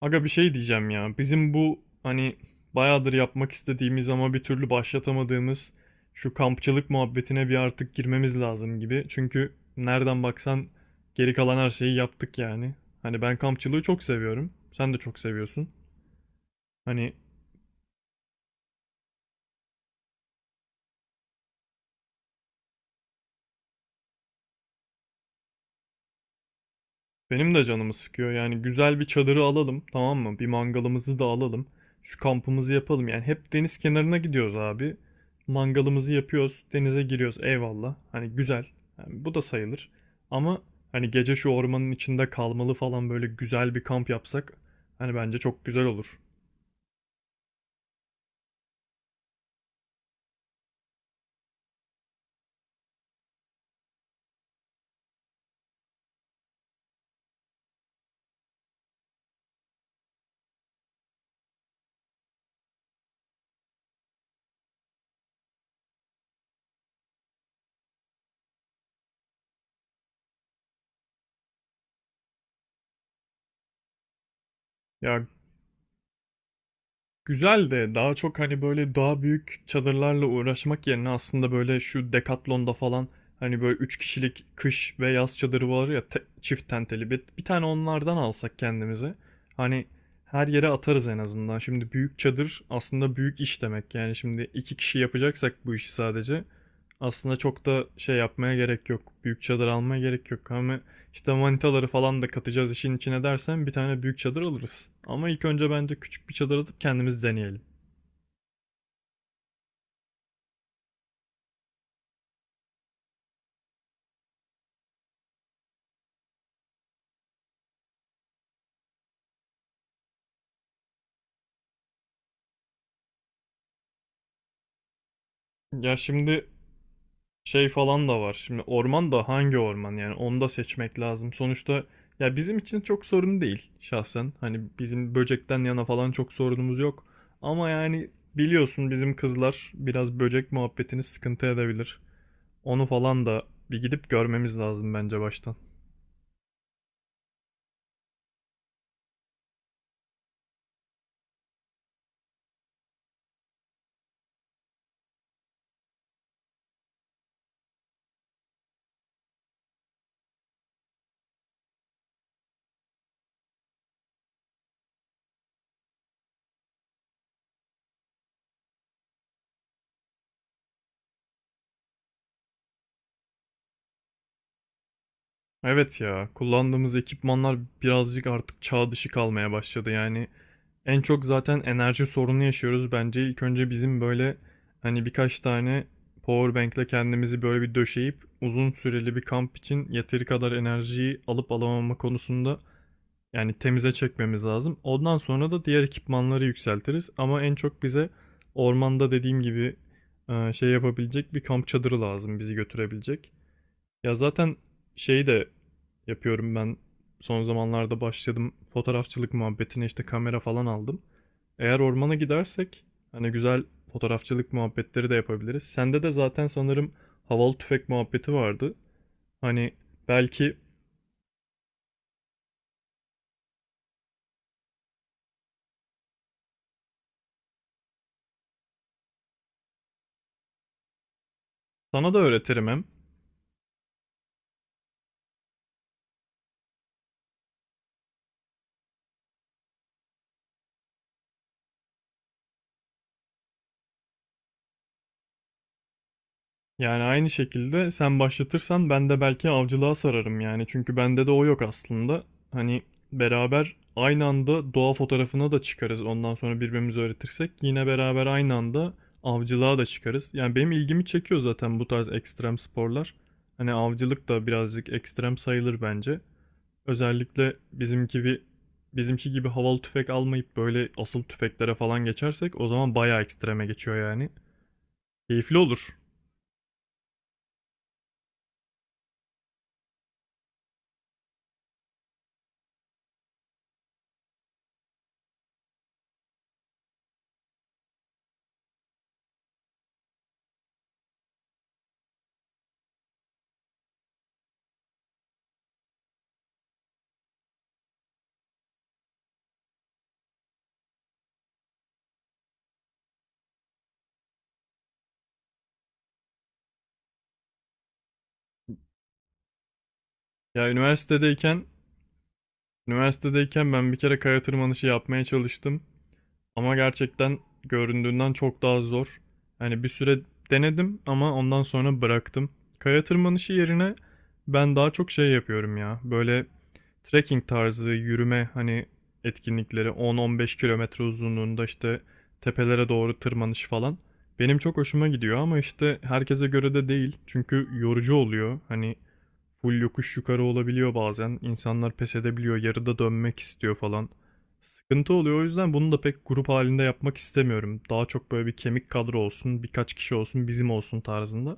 Aga bir şey diyeceğim ya. Bizim bu hani bayağıdır yapmak istediğimiz ama bir türlü başlatamadığımız şu kampçılık muhabbetine bir artık girmemiz lazım gibi. Çünkü nereden baksan geri kalan her şeyi yaptık yani. Hani ben kampçılığı çok seviyorum. Sen de çok seviyorsun. Hani. Benim de canımı sıkıyor. Yani güzel bir çadırı alalım, tamam mı? Bir mangalımızı da alalım. Şu kampımızı yapalım. Yani hep deniz kenarına gidiyoruz abi. Mangalımızı yapıyoruz, denize giriyoruz. Eyvallah. Hani güzel. Yani bu da sayılır. Ama hani gece şu ormanın içinde kalmalı falan böyle güzel bir kamp yapsak hani bence çok güzel olur. Ya, güzel de daha çok hani böyle daha büyük çadırlarla uğraşmak yerine aslında böyle şu Decathlon'da falan hani böyle 3 kişilik kış ve yaz çadırı var ya çift tenteli bir tane onlardan alsak kendimize. Hani her yere atarız en azından. Şimdi büyük çadır aslında büyük iş demek. Yani şimdi iki kişi yapacaksak bu işi sadece aslında çok da şey yapmaya gerek yok. Büyük çadır almaya gerek yok. Ama işte manitaları falan da katacağız işin içine dersen bir tane büyük çadır alırız. Ama ilk önce bence küçük bir çadır atıp kendimiz deneyelim. Ya şimdi şey falan da var. Şimdi orman da hangi orman yani onu da seçmek lazım. Sonuçta ya bizim için çok sorun değil şahsen. Hani bizim böcekten yana falan çok sorunumuz yok. Ama yani biliyorsun bizim kızlar biraz böcek muhabbetini sıkıntı edebilir. Onu falan da bir gidip görmemiz lazım bence baştan. Evet ya, kullandığımız ekipmanlar birazcık artık çağ dışı kalmaya başladı. Yani en çok zaten enerji sorunu yaşıyoruz. Bence ilk önce bizim böyle hani birkaç tane power bank'le kendimizi böyle bir döşeyip uzun süreli bir kamp için yeteri kadar enerjiyi alıp alamama konusunda yani temize çekmemiz lazım. Ondan sonra da diğer ekipmanları yükseltiriz. Ama en çok bize ormanda dediğim gibi şey yapabilecek bir kamp çadırı lazım bizi götürebilecek. Ya zaten şeyi de yapıyorum ben, son zamanlarda başladım fotoğrafçılık muhabbetine, işte kamera falan aldım. Eğer ormana gidersek hani güzel fotoğrafçılık muhabbetleri de yapabiliriz. Sende de zaten sanırım havalı tüfek muhabbeti vardı. Hani belki sana da öğretirim hem. Yani aynı şekilde sen başlatırsan ben de belki avcılığa sararım yani. Çünkü bende de o yok aslında. Hani beraber aynı anda doğa fotoğrafına da çıkarız. Ondan sonra birbirimize öğretirsek yine beraber aynı anda avcılığa da çıkarız. Yani benim ilgimi çekiyor zaten bu tarz ekstrem sporlar. Hani avcılık da birazcık ekstrem sayılır bence. Özellikle bizimki bir bizimki gibi havalı tüfek almayıp böyle asıl tüfeklere falan geçersek o zaman bayağı ekstreme geçiyor yani. Keyifli olur. Ya, üniversitedeyken ben bir kere kaya tırmanışı yapmaya çalıştım. Ama gerçekten göründüğünden çok daha zor. Hani bir süre denedim ama ondan sonra bıraktım. Kaya tırmanışı yerine ben daha çok şey yapıyorum ya. Böyle trekking tarzı yürüme hani etkinlikleri, 10-15 kilometre uzunluğunda işte tepelere doğru tırmanış falan. Benim çok hoşuma gidiyor ama işte herkese göre de değil. Çünkü yorucu oluyor. Hani full yokuş yukarı olabiliyor bazen. İnsanlar pes edebiliyor, yarıda dönmek istiyor falan. Sıkıntı oluyor, o yüzden bunu da pek grup halinde yapmak istemiyorum. Daha çok böyle bir kemik kadro olsun, birkaç kişi olsun, bizim olsun tarzında.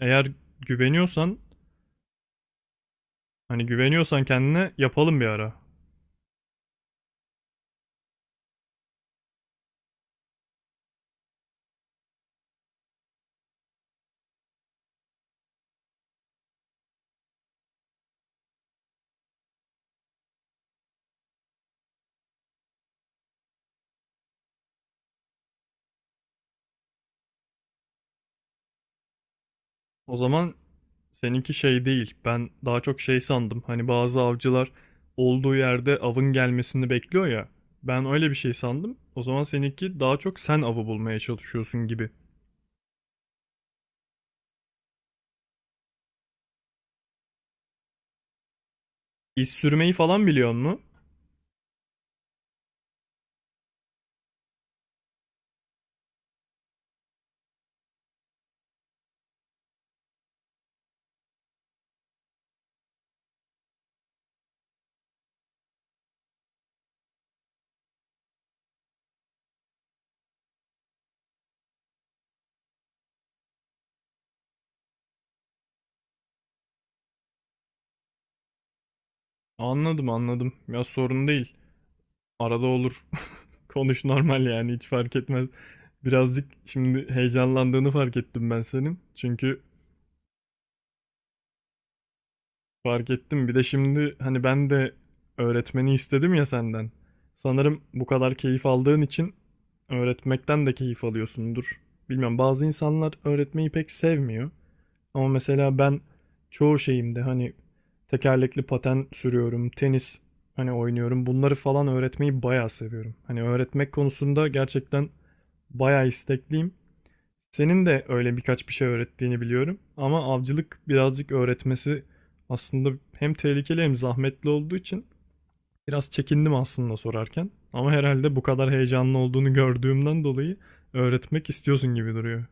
Eğer güveniyorsan, hani güveniyorsan kendine, yapalım bir ara. O zaman seninki şey değil. Ben daha çok şey sandım. Hani bazı avcılar olduğu yerde avın gelmesini bekliyor ya. Ben öyle bir şey sandım. O zaman seninki daha çok sen avı bulmaya çalışıyorsun gibi. İz sürmeyi falan biliyor mu? Anladım anladım. Ya sorun değil. Arada olur. Konuş normal, yani hiç fark etmez. Birazcık şimdi heyecanlandığını fark ettim ben senin. Çünkü fark ettim. Bir de şimdi hani ben de öğretmeni istedim ya senden. Sanırım bu kadar keyif aldığın için öğretmekten de keyif alıyorsundur. Bilmem, bazı insanlar öğretmeyi pek sevmiyor. Ama mesela ben çoğu şeyimde hani tekerlekli paten sürüyorum, tenis hani oynuyorum. Bunları falan öğretmeyi bayağı seviyorum. Hani öğretmek konusunda gerçekten bayağı istekliyim. Senin de öyle birkaç bir şey öğrettiğini biliyorum ama avcılık birazcık öğretmesi aslında hem tehlikeli hem zahmetli olduğu için biraz çekindim aslında sorarken. Ama herhalde bu kadar heyecanlı olduğunu gördüğümden dolayı öğretmek istiyorsun gibi duruyor.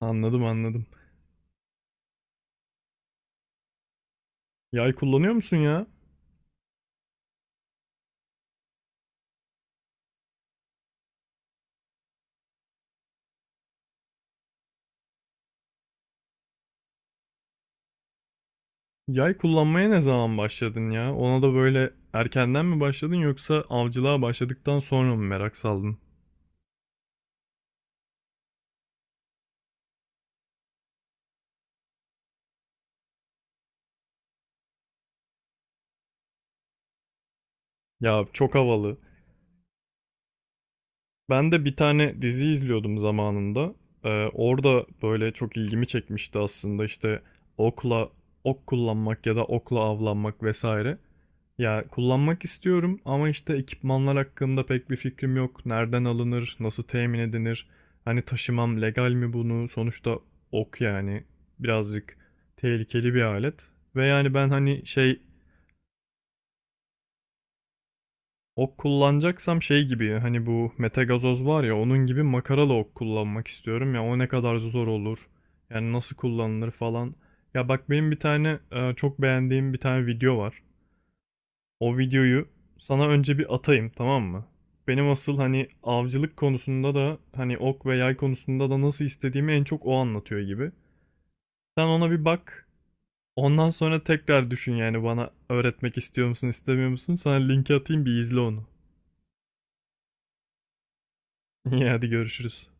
Anladım anladım. Yay kullanıyor musun ya? Yay kullanmaya ne zaman başladın ya? Ona da böyle erkenden mi başladın yoksa avcılığa başladıktan sonra mı merak saldın? Ya çok havalı. Ben de bir tane dizi izliyordum zamanında. Orada böyle çok ilgimi çekmişti aslında işte okla ok kullanmak ya da okla avlanmak vesaire. Ya kullanmak istiyorum ama işte ekipmanlar hakkında pek bir fikrim yok. Nereden alınır, nasıl temin edilir? Hani taşımam legal mi bunu? Sonuçta ok yani birazcık tehlikeli bir alet. Ve yani ben hani şey. Ok kullanacaksam şey gibi hani bu metagazoz var ya onun gibi makaralı ok kullanmak istiyorum ya, o ne kadar zor olur. Yani nasıl kullanılır falan. Ya bak, benim bir tane çok beğendiğim bir tane video var. O videoyu sana önce bir atayım, tamam mı? Benim asıl hani avcılık konusunda da hani ok ve yay konusunda da nasıl istediğimi en çok o anlatıyor gibi. Sen ona bir bak. Ondan sonra tekrar düşün yani, bana öğretmek istiyor musun istemiyor musun? Sana linki atayım, bir izle onu. İyi, hadi görüşürüz.